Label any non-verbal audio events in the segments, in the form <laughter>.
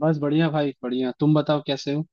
बस बढ़िया भाई बढ़िया। तुम बताओ कैसे हो।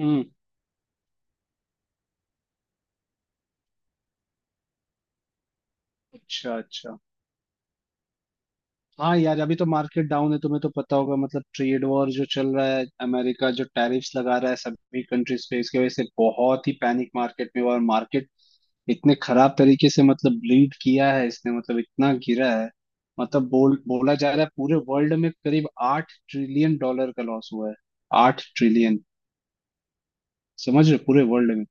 हम्म। अच्छा अच्छा। हाँ यार, अभी तो मार्केट डाउन है, तुम्हें तो पता होगा, मतलब ट्रेड वॉर जो चल रहा है, अमेरिका जो टैरिफ्स लगा रहा है सभी कंट्रीज पे, इसकी वजह से बहुत ही पैनिक मार्केट में हुआ और मार्केट इतने खराब तरीके से मतलब लीड किया है इसने, मतलब इतना गिरा है। मतलब बोला जा रहा है पूरे वर्ल्ड में करीब 8 ट्रिलियन डॉलर का लॉस हुआ है। 8 ट्रिलियन। समझ रहे हो? पूरे वर्ल्ड में।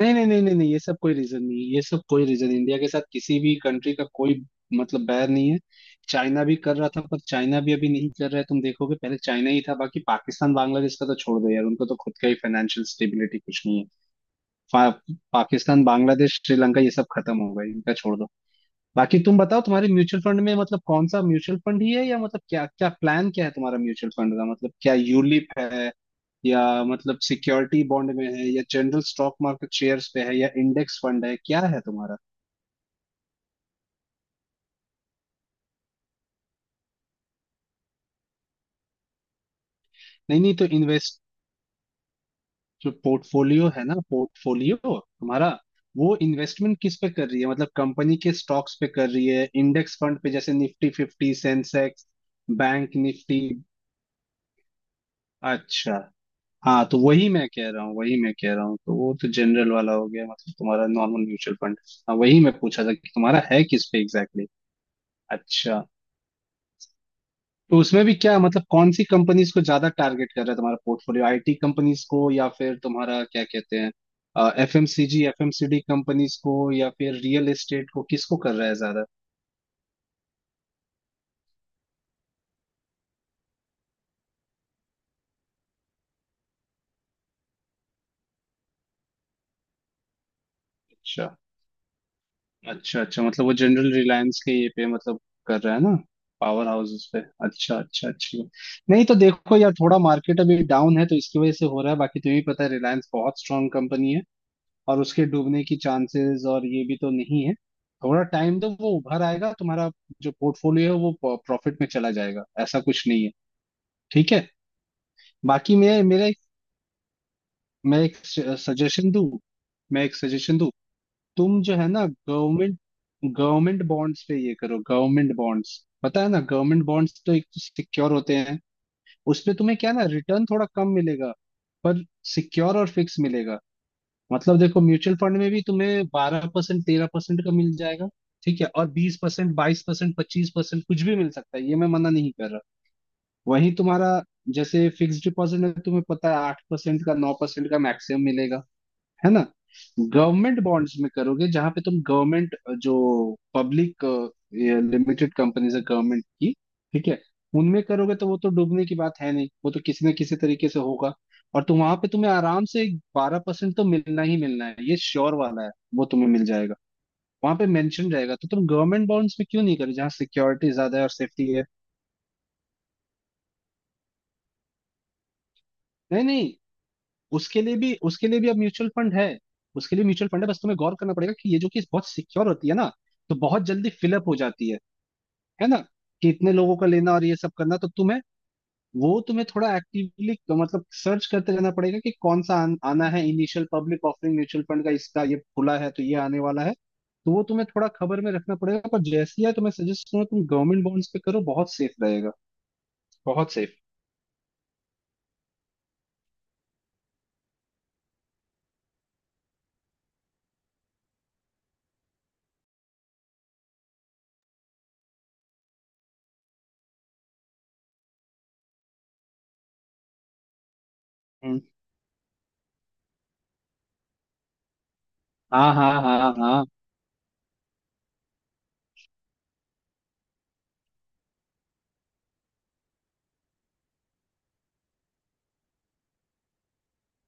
नहीं नहीं नहीं नहीं नहीं, ये सब कोई रीजन नहीं है, ये सब कोई रीजन, इंडिया के साथ किसी भी कंट्री का कोई मतलब बैर नहीं है। चाइना भी कर रहा था पर चाइना भी अभी नहीं कर रहा है, तुम देखोगे, पहले चाइना ही था। बाकी पाकिस्तान बांग्लादेश का तो छोड़ दो यार, उनको तो खुद का ही फाइनेंशियल स्टेबिलिटी कुछ नहीं है। पा, पाकिस्तान बांग्लादेश श्रीलंका ये सब खत्म हो गए, इनका छोड़ दो। बाकी तुम बताओ, तुम्हारे म्यूचुअल फंड में मतलब कौन सा म्यूचुअल फंड ही है, या मतलब क्या क्या प्लान क्या है तुम्हारा? म्यूचुअल फंड का मतलब क्या यूलिप है, या मतलब सिक्योरिटी बॉन्ड में है, या जनरल स्टॉक मार्केट शेयर्स पे है, या इंडेक्स फंड है, क्या है तुम्हारा? नहीं नहीं, तो इन्वेस्ट जो पोर्टफोलियो है ना, पोर्टफोलियो तुम्हारा वो इन्वेस्टमेंट किस पे कर रही है, मतलब कंपनी के स्टॉक्स पे कर रही है, इंडेक्स फंड पे, जैसे Nifty fifty Sensex bank Nifty? अच्छा। हाँ तो वही मैं कह रहा हूँ, वही मैं कह रहा हूँ, तो वो तो जनरल वाला हो गया, मतलब तुम्हारा नॉर्मल म्यूचुअल फंड। हाँ वही मैं पूछा था कि तुम्हारा है किस पे एग्जैक्टली exactly? अच्छा। तो उसमें भी क्या, मतलब कौन सी कंपनीज को ज्यादा टारगेट कर रहा है तुम्हारा पोर्टफोलियो, आईटी कंपनीज को, या फिर तुम्हारा क्या कहते हैं एफएमसीजी एफएमसीडी कंपनीज को, या फिर रियल एस्टेट को, किसको कर रहा है ज्यादा? अच्छा अच्छा अच्छा, मतलब वो जनरल रिलायंस के ये पे, मतलब कर रहा है ना, पावर हाउसेस पे। अच्छा अच्छा, अच्छी बात। नहीं तो देखो यार, थोड़ा मार्केट अभी डाउन है तो इसकी वजह से हो रहा है, बाकी तुम्हें भी पता है रिलायंस बहुत स्ट्रांग कंपनी है, और उसके डूबने की चांसेस और ये भी तो नहीं है। थोड़ा टाइम दो, वो उभर आएगा, तुम्हारा जो पोर्टफोलियो है वो प्रॉफिट में चला जाएगा, ऐसा कुछ नहीं है। ठीक है। बाकी मैं एक सजेशन दूं, मैं एक सजेशन दूं, तुम जो है ना, गवर्नमेंट, गवर्नमेंट बॉन्ड्स पे ये करो, गवर्नमेंट बॉन्ड्स, पता है ना, गवर्नमेंट बॉन्ड्स तो एक तो सिक्योर होते हैं। उसपे तुम्हें क्या है ना, रिटर्न थोड़ा कम मिलेगा, पर सिक्योर और फिक्स मिलेगा। मतलब देखो म्यूचुअल फंड में भी तुम्हें 12% 13% का मिल जाएगा, ठीक है, और 20% 22% 25% कुछ भी मिल सकता है, ये मैं मना नहीं कर रहा। वहीं तुम्हारा जैसे फिक्स डिपॉजिट में तुम्हें पता है 8% का 9% का मैक्सिमम मिलेगा, है ना। गवर्नमेंट बॉन्ड्स में करोगे, जहां पे तुम गवर्नमेंट जो पब्लिक लिमिटेड कंपनीज है गवर्नमेंट की, ठीक है, उनमें करोगे तो वो तो डूबने की बात है नहीं, वो तो किसी न किसी तरीके से होगा, और तुम वहां पे तुम्हें आराम से 12% तो मिलना ही मिलना है, ये श्योर वाला है। वो तुम्हें मिल जाएगा, वहां पे मेंशन रहेगा, तो तुम गवर्नमेंट बॉन्ड्स में क्यों नहीं करो, जहाँ सिक्योरिटी ज्यादा है और सेफ्टी है। नहीं नहीं, उसके लिए भी अब म्यूचुअल फंड है। उसके लिए म्यूचुअल फंड है, बस तुम्हें गौर करना पड़ेगा कि ये जो, कि बहुत सिक्योर होती है ना, तो बहुत जल्दी फिलअप हो जाती है ना, कि इतने लोगों का लेना और ये सब करना, तो तुम्हें, वो तुम्हें थोड़ा एक्टिवली मतलब सर्च करते रहना पड़ेगा कि कौन सा आना है, initial public offering mutual fund का, इसका ये खुला है तो ये आने वाला है, तो वो तुम्हें थोड़ा खबर में रखना पड़ेगा। पर जैसे ही है, तो मैं सजेस्ट करूंगा तुम गवर्नमेंट बॉन्ड्स पे करो, बहुत सेफ रहेगा, बहुत सेफ। हम्म। हाँ हाँ हाँ हाँ।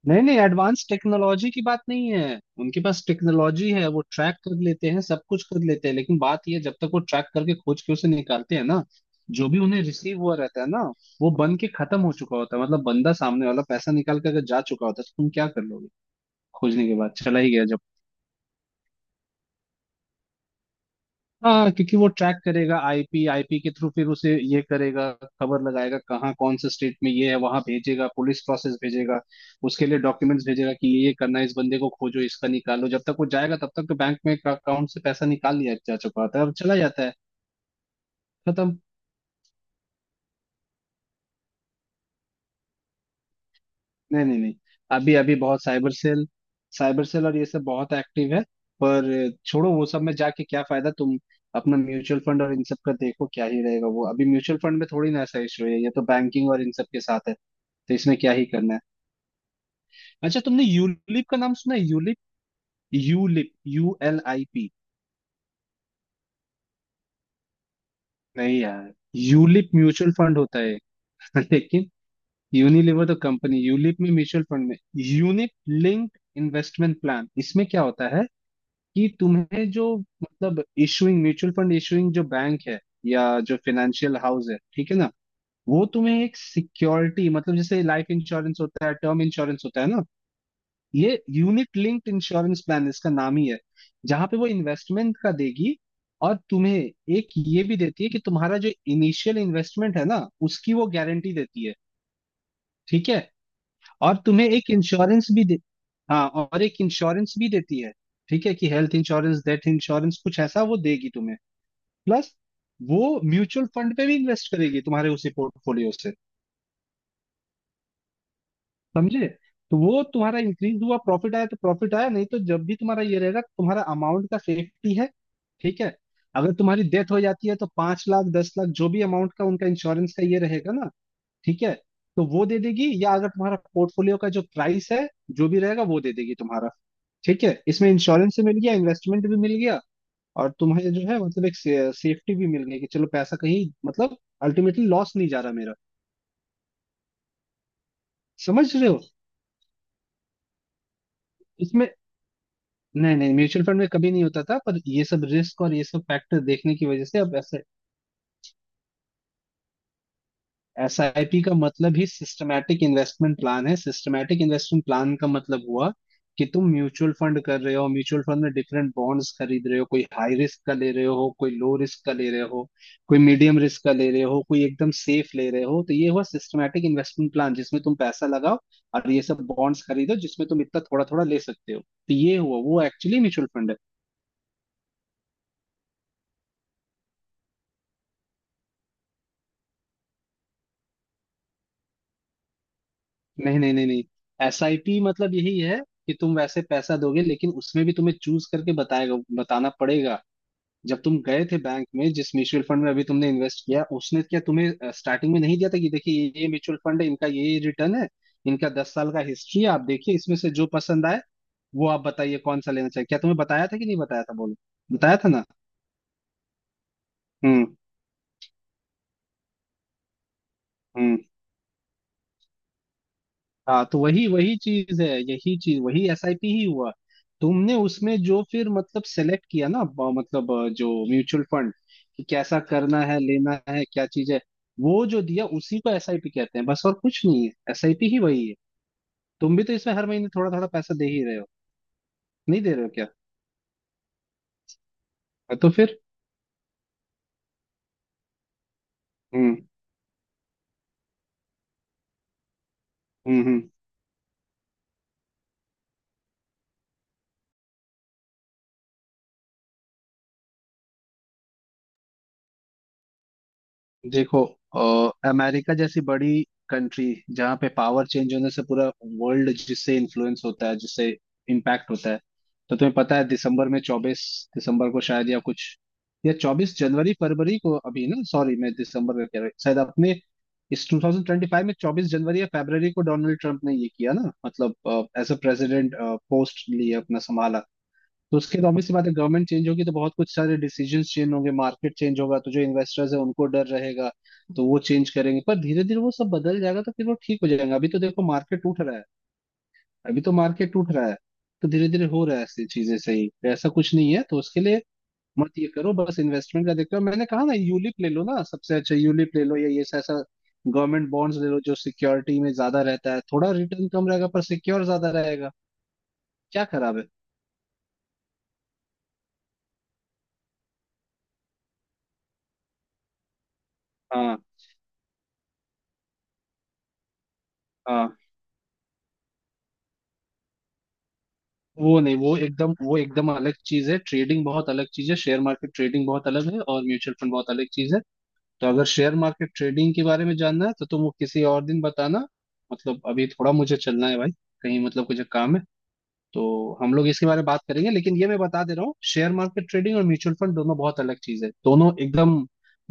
नहीं नहीं, एडवांस टेक्नोलॉजी की बात नहीं है, उनके पास टेक्नोलॉजी है, वो ट्रैक कर लेते हैं, सब कुछ कर लेते हैं, लेकिन बात यह है, जब तक वो ट्रैक करके खोज के उसे निकालते हैं ना, जो भी उन्हें रिसीव हुआ रहता है ना, वो बन के खत्म हो चुका होता है, मतलब बंदा सामने वाला पैसा निकाल के अगर जा चुका होता है तो तुम क्या कर लोगे? खोजने के बाद चला ही गया जब। हाँ, क्योंकि वो ट्रैक करेगा आईपी, आईपी के थ्रू, फिर उसे ये करेगा, खबर लगाएगा कहाँ कौन से स्टेट में ये है, वहां भेजेगा पुलिस, प्रोसेस भेजेगा, उसके लिए डॉक्यूमेंट्स भेजेगा कि ये करना है, इस बंदे को खोजो, इसका निकालो, जब तक वो जाएगा तब तक तो बैंक में अकाउंट से पैसा निकाल लिया जा चुका होता है और चला जाता है, खत्म। नहीं नहीं नहीं, अभी अभी बहुत साइबर सेल, साइबर सेल और ये सब बहुत एक्टिव है। पर छोड़ो वो सब में जाके क्या फायदा, तुम अपना म्यूचुअल फंड और इन सब का देखो, क्या ही रहेगा वो, अभी म्यूचुअल फंड में थोड़ी ना ऐसा इशू है, ये तो बैंकिंग और इन सब के साथ है, तो इसमें क्या ही करना है। अच्छा, तुमने यूलिप का नाम सुना है? ULIP, ULIP U L I P. नहीं यार, यूलिप म्यूचुअल फंड होता है <laughs> लेकिन, यूनिलीवर तो कंपनी, यूलिप में, म्यूचुअल फंड में, यूनिट लिंक्ड इन्वेस्टमेंट प्लान, इसमें क्या होता है कि तुम्हें जो, मतलब इशूइंग म्यूचुअल फंड इशूइंग जो बैंक है, या जो फिनेंशियल हाउस है, ठीक है ना, वो तुम्हें एक सिक्योरिटी, मतलब जैसे लाइफ इंश्योरेंस होता है, टर्म इंश्योरेंस होता है ना, ये यूनिट लिंक्ड इंश्योरेंस प्लान इसका नाम ही है। जहां पे वो इन्वेस्टमेंट का देगी, और तुम्हें एक ये भी देती है कि तुम्हारा जो इनिशियल इन्वेस्टमेंट है ना उसकी वो गारंटी देती है, ठीक है। और तुम्हें एक इंश्योरेंस भी दे, हाँ और एक इंश्योरेंस भी देती है, ठीक है, कि हेल्थ इंश्योरेंस डेथ इंश्योरेंस कुछ ऐसा वो देगी तुम्हें, प्लस वो म्यूचुअल फंड पे भी इन्वेस्ट करेगी तुम्हारे उसी पोर्टफोलियो से, समझे? तो वो तुम्हारा इंक्रीज हुआ, प्रॉफिट आया तो प्रॉफिट आया, नहीं तो जब भी तुम्हारा ये रहेगा, तुम्हारा अमाउंट का सेफ्टी है, ठीक है। अगर तुम्हारी डेथ हो जाती है तो 5 लाख 10 लाख जो भी अमाउंट का उनका इंश्योरेंस का ये रहेगा ना, ठीक है, तो वो दे देगी, या अगर तुम्हारा पोर्टफोलियो का जो प्राइस है, जो भी रहेगा वो दे देगी तुम्हारा, ठीक है। इसमें इंश्योरेंस से मिल गया, इन्वेस्टमेंट भी मिल गया, और तुम्हें जो है, मतलब एक सेफ्टी भी मिल गई कि चलो पैसा कहीं मतलब अल्टीमेटली लॉस नहीं जा रहा मेरा। समझ रहे हो? इसमें। नहीं नहीं, म्यूचुअल फंड में कभी नहीं होता था, पर ये सब रिस्क और ये सब फैक्टर देखने की वजह से अब ऐसा। एसआईपी का मतलब ही सिस्टमैटिक इन्वेस्टमेंट प्लान है, सिस्टमैटिक इन्वेस्टमेंट प्लान का मतलब हुआ कि तुम म्यूचुअल फंड कर रहे हो, म्यूचुअल फंड में डिफरेंट बॉन्ड्स खरीद रहे हो, कोई हाई रिस्क का ले रहे हो, कोई लो रिस्क का ले रहे हो, कोई मीडियम रिस्क का ले रहे हो, कोई एकदम सेफ ले रहे हो, तो ये हुआ सिस्टमैटिक इन्वेस्टमेंट प्लान, जिसमें तुम पैसा लगाओ और ये सब बॉन्ड्स खरीदो, जिसमें तुम इतना थोड़ा थोड़ा ले सकते हो, तो ये हुआ वो, एक्चुअली म्यूचुअल फंड है। नहीं नहीं नहीं नहीं, एस आई पी मतलब यही है कि तुम वैसे पैसा दोगे, लेकिन उसमें भी तुम्हें चूज करके बताएगा, बताना पड़ेगा। जब तुम गए थे बैंक में जिस म्यूचुअल फंड में अभी तुमने इन्वेस्ट किया, उसने क्या तुम्हें स्टार्टिंग में नहीं दिया था कि देखिए ये म्यूचुअल फंड है, इनका ये रिटर्न है, इनका 10 साल का हिस्ट्री है, आप देखिए इसमें से जो पसंद आए वो आप बताइए कौन सा लेना चाहिए, क्या तुम्हें बताया था कि नहीं बताया था बोलो? बताया था ना। हम्म हम्म। हाँ तो वही वही चीज है, यही चीज, वही एसआईपी ही हुआ। तुमने उसमें जो फिर मतलब सेलेक्ट किया ना जो म्यूचुअल फंड, कि कैसा करना है, लेना है, क्या चीज है, वो जो दिया उसी को एसआईपी कहते हैं, बस और कुछ नहीं है, एसआईपी ही वही है। तुम भी तो इसमें हर महीने थोड़ा थोड़ा पैसा दे ही रहे हो, नहीं दे रहे हो क्या? हाँ, तो फिर। हम्म हम्म। देखो अमेरिका जैसी बड़ी कंट्री, जहाँ पे पावर चेंज होने से पूरा वर्ल्ड जिससे इन्फ्लुएंस होता है, जिससे इम्पैक्ट होता है, तो तुम्हें पता है दिसंबर में 24 दिसंबर को शायद, या कुछ, या 24 जनवरी फरवरी को, अभी ना, सॉरी मैं दिसंबर में कह रहा हूँ, शायद अपने इस 2025 में 24 जनवरी या फरवरी को डोनाल्ड ट्रंप ने ये किया ना, मतलब एज अ प्रेसिडेंट पोस्ट लिए अपना संभाला। तो उसके तो ऑब्वियस सी बात है, गवर्नमेंट चेंज होगी तो बहुत कुछ सारे डिसीजंस चेंज होंगे, मार्केट चेंज होगा, तो जो इन्वेस्टर्स है उनको डर रहेगा, तो वो चेंज करेंगे, पर धीरे धीरे वो सब बदल जाएगा, तो फिर वो ठीक हो जाएगा। अभी तो देखो मार्केट टूट रहा है, अभी तो मार्केट टूट रहा है, तो धीरे धीरे हो रहा है, ऐसी चीजें सही, तो ऐसा कुछ नहीं है। तो उसके लिए मत ये करो, बस इन्वेस्टमेंट का देखते हो, मैंने कहा ना यूलिप ले लो ना, सबसे अच्छा यूलिप ले लो, या ये ऐसा गवर्नमेंट बॉन्ड्स ले लो, जो सिक्योरिटी में ज्यादा रहता है, थोड़ा रिटर्न कम रहेगा पर सिक्योर ज्यादा रहेगा, क्या खराब है? हाँ हाँ। वो नहीं, वो एकदम अलग चीज है, ट्रेडिंग बहुत अलग चीज है, शेयर मार्केट ट्रेडिंग बहुत अलग है और म्यूचुअल फंड बहुत अलग चीज है। तो अगर शेयर मार्केट ट्रेडिंग के बारे में जानना है तो तुम वो किसी और दिन बताना, मतलब अभी थोड़ा मुझे चलना है भाई, कहीं मतलब कुछ काम है, तो हम लोग इसके बारे में बात करेंगे। लेकिन ये मैं बता दे रहा हूँ, शेयर मार्केट ट्रेडिंग और म्यूचुअल फंड दोनों बहुत अलग चीज है, दोनों एकदम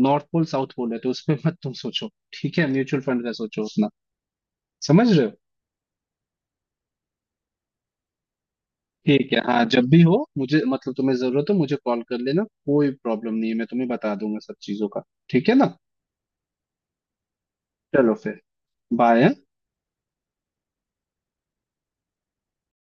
नॉर्थ पोल साउथ पोल है, तो उसमें मत तुम सोचो, ठीक है, म्यूचुअल फंड का सोचो अपना, समझ रहे हो? ठीक है, हाँ जब भी हो मुझे, मतलब तुम्हें जरूरत हो मुझे कॉल कर लेना, कोई प्रॉब्लम नहीं है, मैं तुम्हें बता दूंगा सब चीजों का, ठीक है ना। चलो फिर, बाय, हाँ?